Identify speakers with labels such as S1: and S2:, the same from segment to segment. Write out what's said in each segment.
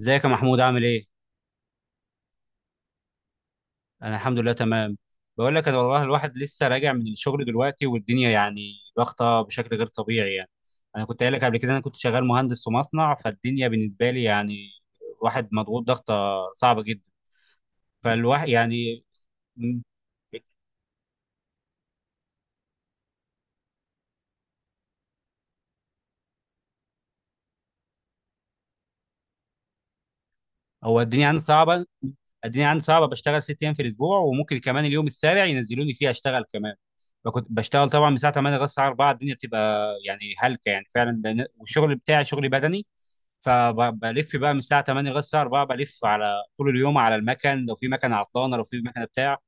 S1: ازيك يا محمود، عامل ايه؟ انا الحمد لله تمام. بقول لك، انا والله الواحد لسه راجع من الشغل دلوقتي، والدنيا يعني ضغطه بشكل غير طبيعي يعني. انا كنت قايل لك قبل كده انا كنت شغال مهندس في مصنع، فالدنيا بالنسبه لي يعني الواحد مضغوط ضغطه صعبه جدا. فالواحد يعني، هو الدنيا عندي صعبه الدنيا عندي صعبه، بشتغل ست ايام في الاسبوع وممكن كمان اليوم السابع ينزلوني فيه اشتغل كمان. فكنت بشتغل طبعا من الساعه 8 لغايه الساعه 4، الدنيا بتبقى يعني هلكه يعني فعلا، والشغل بتاعي شغل بدني. فبلف بقى من الساعه 8 لغايه الساعه 4، بلف على طول اليوم على المكن، لو في مكنه عطلانه لو في مكنه بتاع،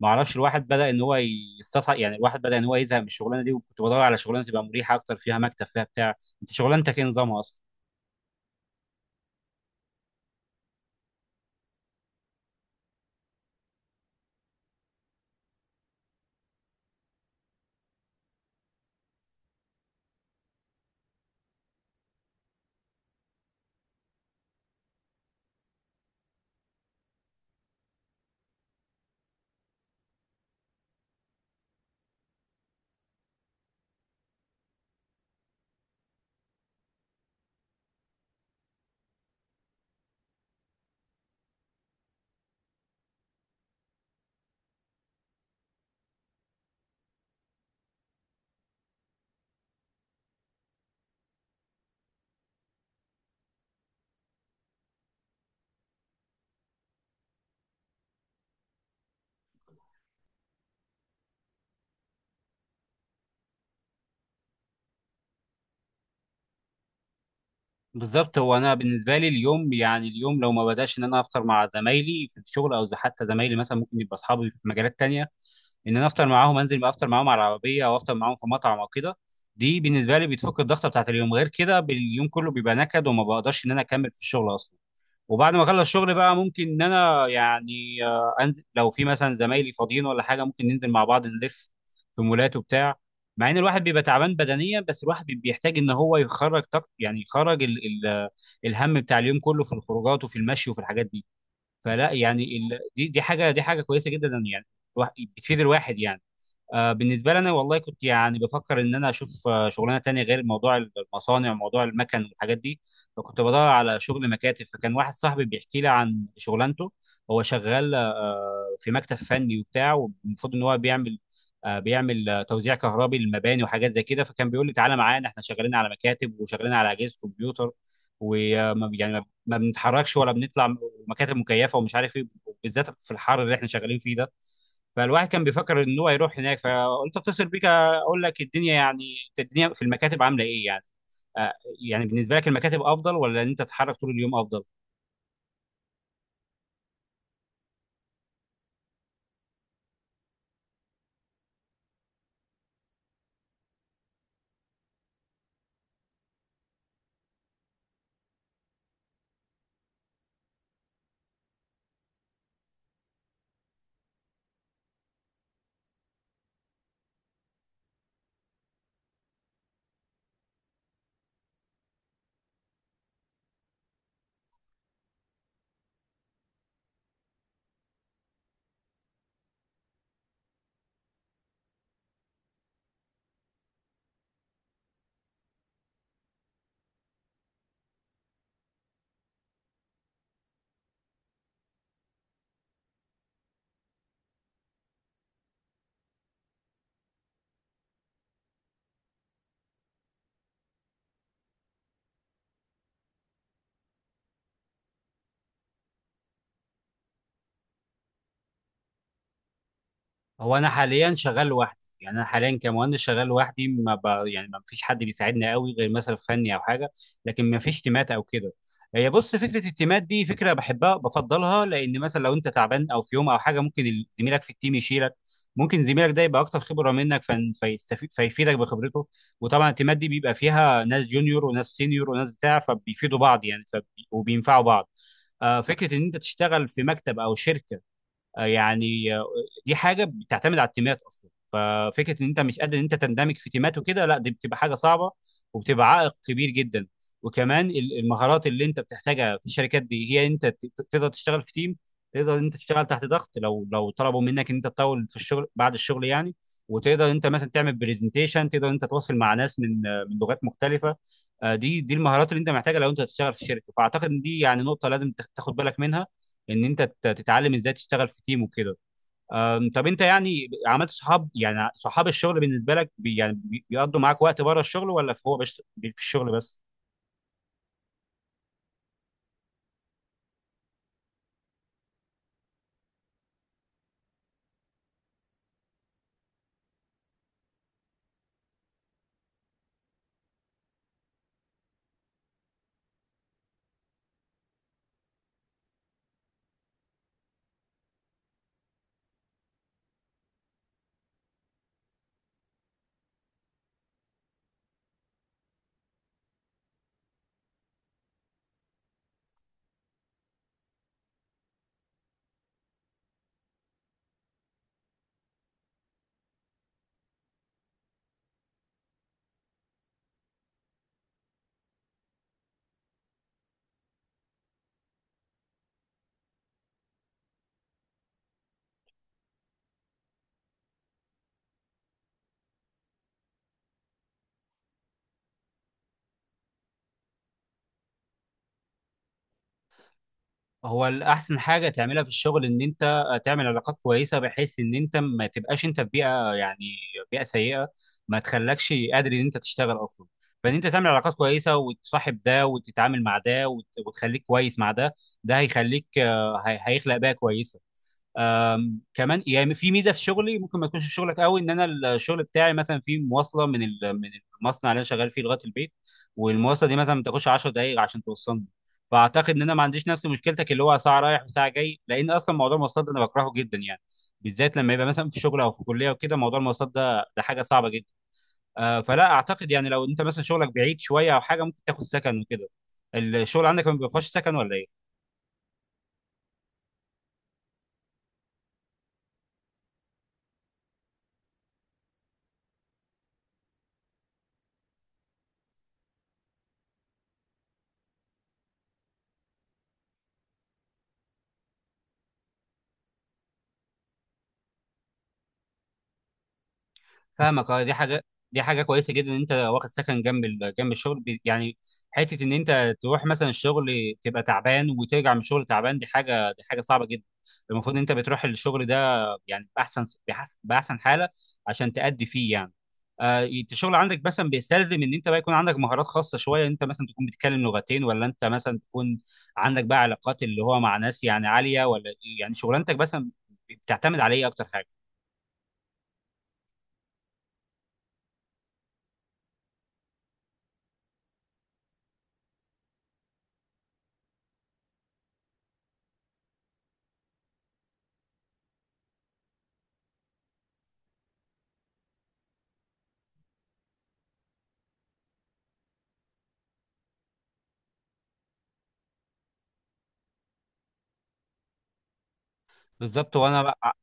S1: ما اعرفش. الواحد بدا ان هو يزهق من الشغلانه دي، وكنت بدور على شغلانه تبقى مريحه اكتر، فيها مكتب فيها بتاع. انت شغلانتك ايه نظامها اصلا؟ بالظبط. هو انا بالنسبه لي اليوم يعني اليوم لو ما بداش ان انا افطر مع زمايلي في الشغل، او حتى زمايلي مثلا ممكن يبقى اصحابي في مجالات تانية، ان انا افطر معاهم، انزل بقى افطر معاهم على العربيه او افطر معاهم في مطعم او كده، دي بالنسبه لي بتفك الضغطه بتاعت اليوم. غير كده اليوم كله بيبقى نكد وما بقدرش ان انا اكمل في الشغل اصلا. وبعد ما اخلص شغل بقى ممكن ان انا يعني انزل، لو في مثلا زمايلي فاضيين ولا حاجه ممكن ننزل مع بعض نلف في مولات وبتاع. مع ان الواحد بيبقى تعبان بدنيا، بس الواحد بيحتاج ان هو يخرج طاقة، يعني يخرج ال ال الهم بتاع اليوم كله في الخروجات وفي المشي وفي الحاجات دي. فلا يعني ال دي دي حاجه دي حاجه كويسه جدا يعني، بتفيد الواحد يعني. بالنسبه لي انا والله كنت يعني بفكر ان انا اشوف شغلانه تانية غير موضوع المصانع وموضوع المكن والحاجات دي. فكنت بدور على شغل مكاتب، فكان واحد صاحبي بيحكي لي عن شغلانته. هو شغال في مكتب فني وبتاع، والمفروض ان هو بيعمل توزيع كهربي للمباني وحاجات زي كده. فكان بيقول لي: تعالى معانا، احنا شغالين على مكاتب وشغالين على اجهزه كمبيوتر، ويعني ما بنتحركش ولا بنطلع، مكاتب مكيفه ومش عارف ايه، بالذات في الحر اللي احنا شغالين فيه ده. فالواحد كان بيفكر ان هو يروح هناك، فقلت اتصل بيك اقول لك الدنيا يعني الدنيا في المكاتب عامله ايه يعني. آه، يعني بالنسبه لك المكاتب افضل، ولا ان انت تتحرك طول اليوم افضل؟ هو انا حاليا شغال لوحدي، يعني انا حاليا كمهندس شغال لوحدي، ما ب... يعني ما فيش حد بيساعدني قوي غير مثلا في فني او حاجه، لكن ما فيش تيمات او كده. هي بص، فكره التيمات دي فكره بحبها بفضلها، لان مثلا لو انت تعبان او في يوم او حاجه ممكن زميلك في التيم يشيلك. ممكن زميلك ده يبقى اكتر خبره منك، فيستفيد، فيفيدك بخبرته. وطبعا التيمات دي بيبقى فيها ناس جونيور وناس سينيور وناس بتاع، فبيفيدوا بعض يعني، وبينفعوا بعض. فكره ان انت تشتغل في مكتب او شركه، آه، يعني آه، دي حاجه بتعتمد على التيمات اصلا. ففكره ان انت مش قادر ان انت تندمج في تيمات وكده، لا، دي بتبقى حاجه صعبه، وبتبقى عائق كبير جدا. وكمان المهارات اللي انت بتحتاجها في الشركات دي هي انت تقدر تشتغل في تيم، تقدر ان انت تشتغل تحت ضغط لو طلبوا منك ان انت تطول في الشغل بعد الشغل يعني. وتقدر انت مثلا تعمل برزنتيشن، تقدر انت تتواصل مع ناس من من لغات مختلفه. دي المهارات اللي انت محتاجها لو انت هتشتغل في شركه، فاعتقد ان دي يعني نقطه لازم تاخد بالك منها، ان انت تتعلم ازاي تشتغل في تيم وكده. طب انت يعني عملت صحاب، يعني صحاب الشغل بالنسبه لك بيقضوا معاك وقت بره الشغل، ولا في هو بس في الشغل بس؟ هو الاحسن حاجه تعملها في الشغل ان انت تعمل علاقات كويسه، بحيث ان انت ما تبقاش انت في بيئه يعني بيئه سيئه ما تخلكش قادر ان انت تشتغل اصلا. فان انت تعمل علاقات كويسه، وتصاحب ده، وتتعامل مع ده، وتخليك كويس مع ده، ده هيخليك هيخلق بيئه كويسه. كمان يعني في ميزه في شغلي ممكن ما تكونش في شغلك قوي، ان انا الشغل بتاعي مثلا في مواصله من من المصنع اللي انا شغال فيه لغايه البيت، والمواصله دي مثلا ما بتاخدش 10 دقائق عشان توصلني. فاعتقد ان انا ما عنديش نفس مشكلتك اللي هو ساعه رايح وساعه جاي، لان اصلا موضوع المواصلات ده انا بكرهه جدا يعني، بالذات لما يبقى مثلا في شغل او في كليه وكده، موضوع المواصلات ده، ده حاجه صعبه جدا. فلا اعتقد يعني، لو انت مثلا شغلك بعيد شويه او حاجه ممكن تاخد سكن وكده. الشغل عندك ما بيبقاش سكن ولا ايه؟ فاهمك. اه، دي حاجه، دي حاجه كويسه جدا ان انت واخد سكن جنب جنب الشغل، يعني حته ان انت تروح مثلا الشغل تبقى تعبان وترجع من الشغل تعبان، دي حاجه، دي حاجه صعبه جدا. المفروض ان انت بتروح الشغل ده يعني باحسن باحسن حاله عشان تأدي فيه يعني. انت الشغل عندك مثلا بيستلزم ان انت بقى يكون عندك مهارات خاصه شويه، انت مثلا تكون بتتكلم لغتين، ولا انت مثلا تكون عندك بقى علاقات اللي هو مع ناس يعني عاليه، ولا يعني شغلانتك مثلا بتعتمد على ايه اكتر حاجه؟ بالظبط. وانا بقى،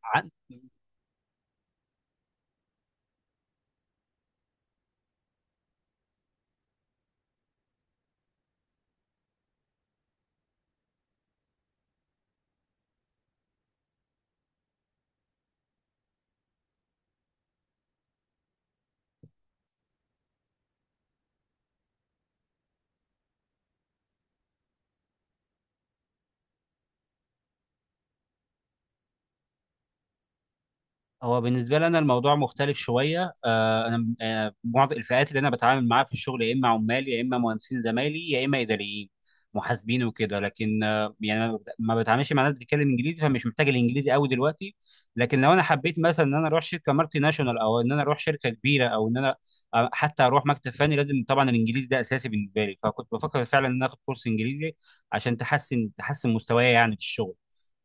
S1: هو بالنسبه لي انا الموضوع مختلف شويه، انا معظم الفئات اللي انا بتعامل معاها في الشغل يا اما عمال يا اما مهندسين زمايلي يا اما اداريين محاسبين وكده. لكن يعني أنا ما بتعاملش مع ناس بتتكلم انجليزي، فمش محتاج الانجليزي قوي دلوقتي. لكن لو انا حبيت مثلا ان انا اروح شركه مالتي ناشونال، او ان انا اروح شركه كبيره، او ان انا حتى اروح مكتب فني، لازم طبعا الانجليزي ده اساسي بالنسبه لي. فكنت بفكر فعلا ان أنا اخد كورس انجليزي عشان تحسن مستواي يعني في الشغل.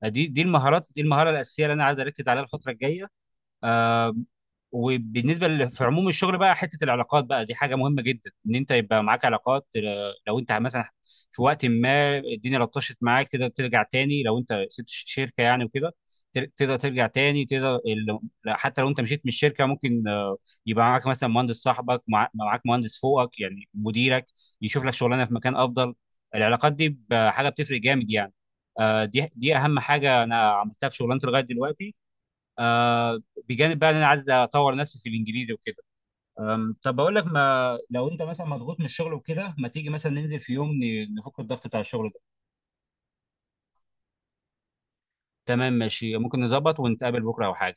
S1: دي المهارات، دي المهاره الاساسيه اللي انا عايز اركز عليها الفتره الجايه. آه وبالنسبه في عموم الشغل بقى، حته العلاقات بقى دي حاجه مهمه جدا، ان انت يبقى معاك علاقات، لو انت مثلا في وقت ما الدنيا لطشت معاك تقدر ترجع تاني، لو انت سبت شركه يعني وكده، تقدر ترجع تاني، لا، حتى لو انت مشيت من الشركه ممكن يبقى معاك مثلا مهندس صاحبك، معاك مهندس فوقك يعني مديرك يشوف لك شغلانه في مكان افضل. العلاقات دي حاجه بتفرق جامد يعني. دي اهم حاجه انا عملتها في شغلانتي لغايه دلوقتي. آه بجانب بقى ان انا عايز اطور نفسي في الانجليزي وكده. طب بقول لك، ما لو انت مثلا مضغوط من الشغل وكده، ما تيجي مثلا ننزل في يوم نفك الضغط بتاع الشغل ده؟ تمام، ماشي، ممكن نظبط ونتقابل بكره او حاجه.